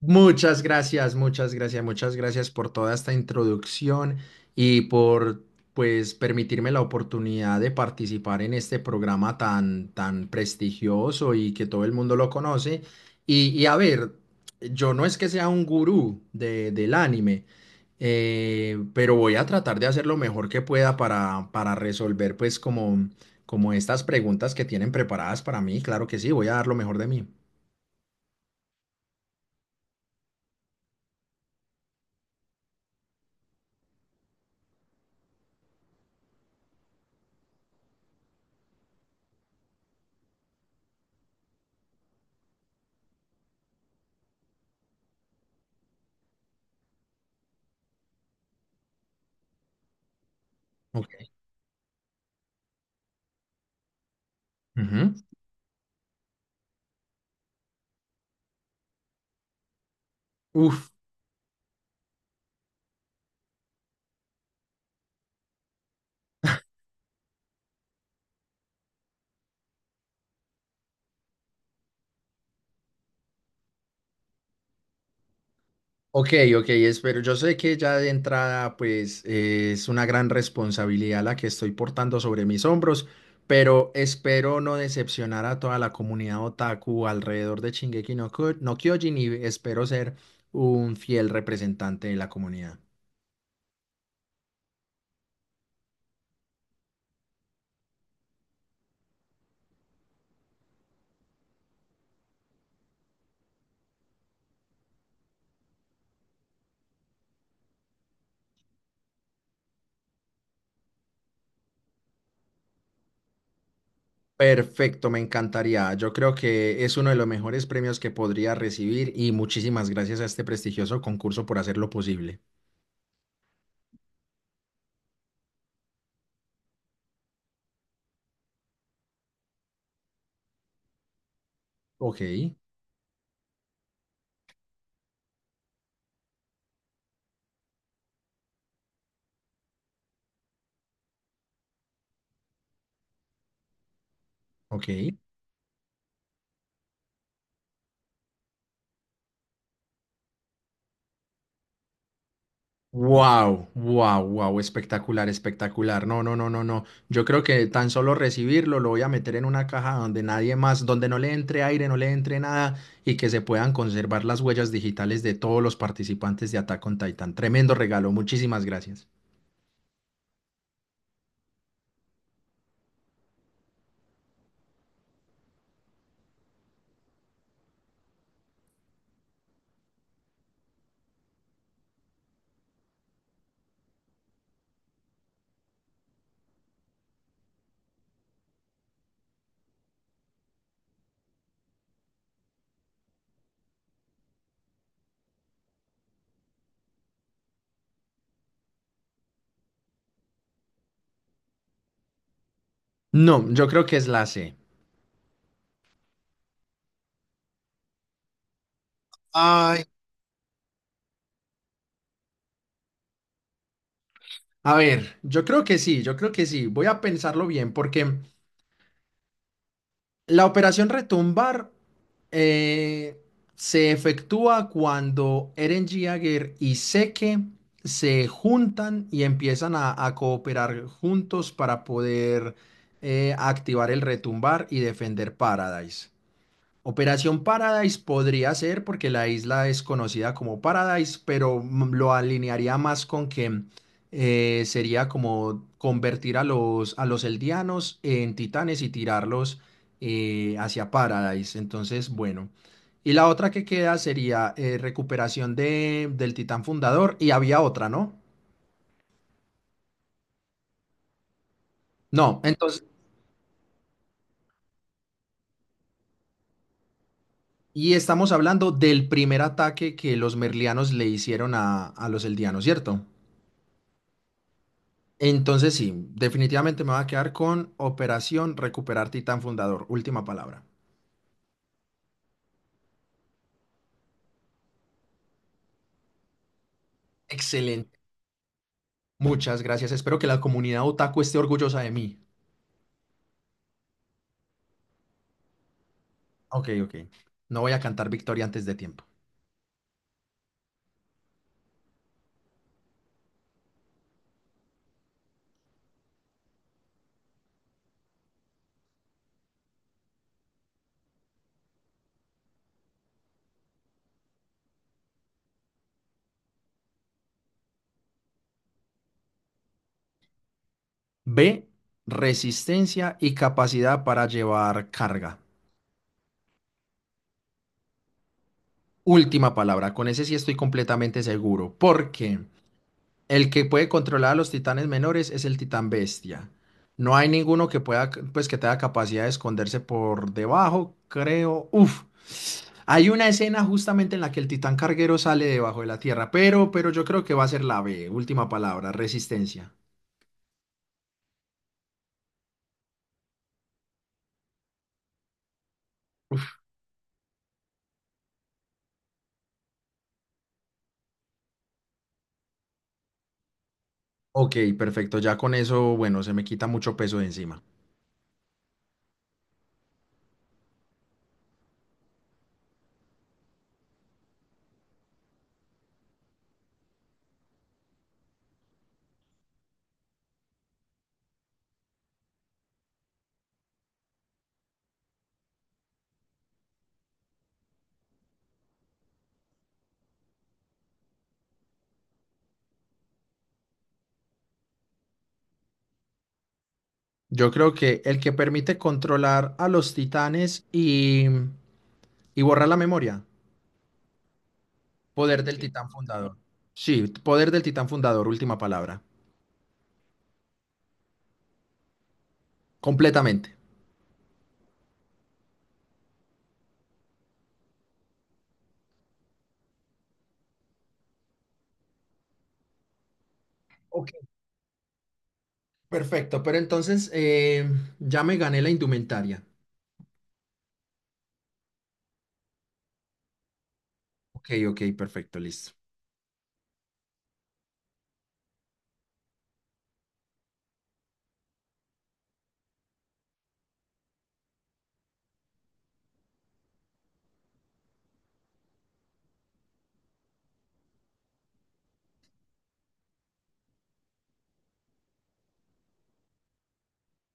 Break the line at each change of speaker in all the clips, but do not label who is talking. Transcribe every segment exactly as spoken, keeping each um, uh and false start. Muchas gracias, muchas gracias, muchas gracias por toda esta introducción y por pues permitirme la oportunidad de participar en este programa tan tan prestigioso y que todo el mundo lo conoce. Y, y a ver, yo no es que sea un gurú de, del anime, eh, pero voy a tratar de hacer lo mejor que pueda para, para resolver pues como, como estas preguntas que tienen preparadas para mí. Claro que sí, voy a dar lo mejor de mí. Ok. Ujú. Uf. Ok, ok, espero. Yo sé que ya de entrada, pues eh, es una gran responsabilidad la que estoy portando sobre mis hombros, pero espero no decepcionar a toda la comunidad otaku alrededor de Shingeki no, Kyo- no Kyojin y espero ser un fiel representante de la comunidad. Perfecto, me encantaría. Yo creo que es uno de los mejores premios que podría recibir y muchísimas gracias a este prestigioso concurso por hacerlo posible. Ok, ok. Wow, wow, wow, espectacular, espectacular. No, no, no, no, no. Yo creo que tan solo recibirlo lo voy a meter en una caja donde nadie más, donde no le entre aire, no le entre nada y que se puedan conservar las huellas digitales de todos los participantes de Attack on Titan. Tremendo regalo, muchísimas gracias. No, yo creo que es la C. A ver, yo creo que sí, yo creo que sí. Voy a pensarlo bien porque la operación retumbar eh, se efectúa cuando Eren Jaeger y Zeke se juntan y empiezan a, a cooperar juntos para poder eh, activar el retumbar y defender Paradise. Operación Paradise podría ser porque la isla es conocida como Paradise, pero mm, lo alinearía más con que eh, sería como convertir a los, a los eldianos en titanes y tirarlos eh, hacia Paradise. Entonces, bueno. Y la otra que queda sería eh, recuperación de, del titán fundador y había otra, ¿no? No, entonces, y estamos hablando del primer ataque que los merlianos le hicieron a, a los eldianos, ¿cierto? Entonces sí, definitivamente me va a quedar con Operación Recuperar Titán Fundador. Última palabra. Excelente. Muchas gracias. Espero que la comunidad otaku esté orgullosa de mí. Ok, ok. No voy a cantar victoria antes de tiempo. B, resistencia y capacidad para llevar carga. Última palabra. Con ese sí estoy completamente seguro. ¿Por qué? El que puede controlar a los titanes menores es el titán bestia. No hay ninguno que pueda, pues que tenga capacidad de esconderse por debajo, creo. Uf. Hay una escena justamente en la que el titán carguero sale debajo de la tierra, pero, pero yo creo que va a ser la B, última palabra, resistencia. Ok, perfecto. Ya con eso, bueno, se me quita mucho peso de encima. Yo creo que el que permite controlar a los titanes y, y borrar la memoria. Poder del titán fundador. Sí, poder del titán fundador, última palabra. Completamente. Ok, perfecto. Pero entonces eh, ya me gané la indumentaria. Ok, ok, perfecto, listo.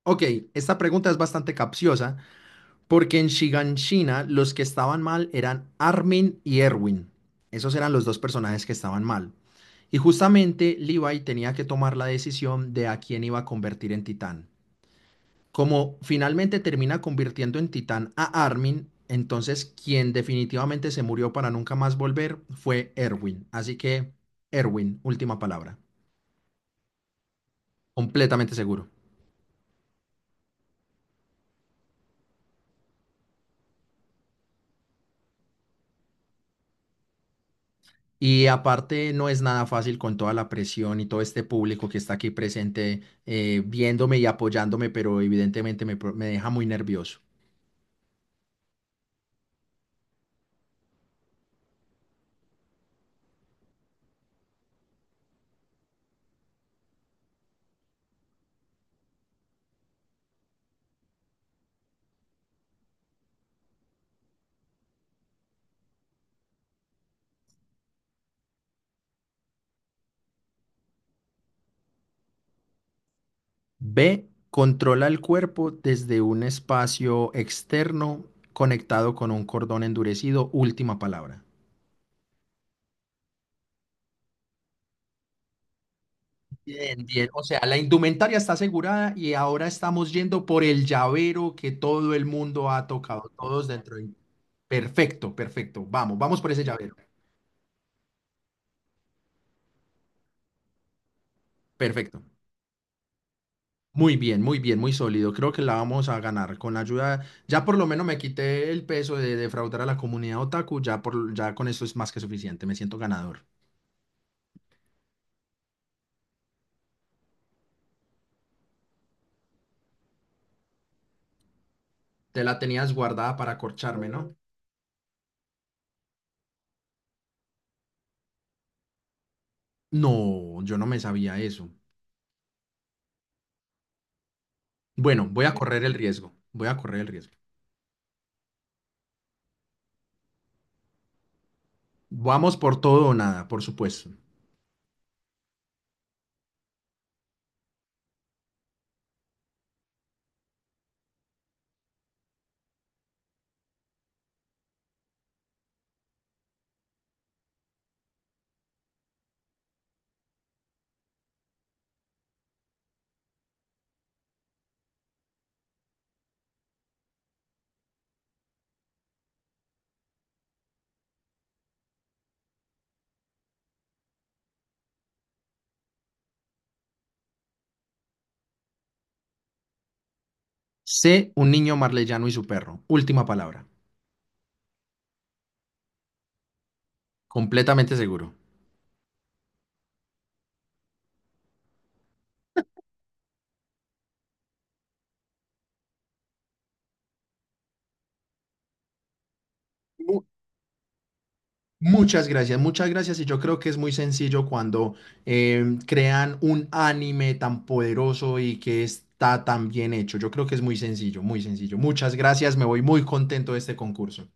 Ok, esta pregunta es bastante capciosa porque en Shiganshina los que estaban mal eran Armin y Erwin. Esos eran los dos personajes que estaban mal. Y justamente Levi tenía que tomar la decisión de a quién iba a convertir en titán. Como finalmente termina convirtiendo en titán a Armin, entonces quien definitivamente se murió para nunca más volver fue Erwin. Así que, Erwin, última palabra. Completamente seguro. Y aparte no es nada fácil con toda la presión y todo este público que está aquí presente eh, viéndome y apoyándome, pero evidentemente me, pro- me deja muy nervioso. B, controla el cuerpo desde un espacio externo conectado con un cordón endurecido. Última palabra. Bien, bien. O sea, la indumentaria está asegurada y ahora estamos yendo por el llavero que todo el mundo ha tocado, todos dentro. De- Perfecto, perfecto. Vamos, vamos por ese llavero. Perfecto. Muy bien, muy bien, muy sólido. Creo que la vamos a ganar con la ayuda. Ya por lo menos me quité el peso de defraudar a la comunidad otaku. Ya, por, ya con eso es más que suficiente. Me siento ganador. Te la tenías guardada para corcharme, ¿no? No, yo no me sabía eso. Bueno, voy a correr el riesgo. Voy a correr el riesgo. Vamos por todo o nada, por supuesto. Sé un niño marleyano y su perro. Última palabra. Completamente seguro. Mu- Muchas gracias, muchas gracias. Y yo creo que es muy sencillo cuando em, crean un anime tan poderoso y que está tan bien hecho. Yo creo que es muy sencillo, muy sencillo. Muchas gracias, me voy muy contento de este concurso.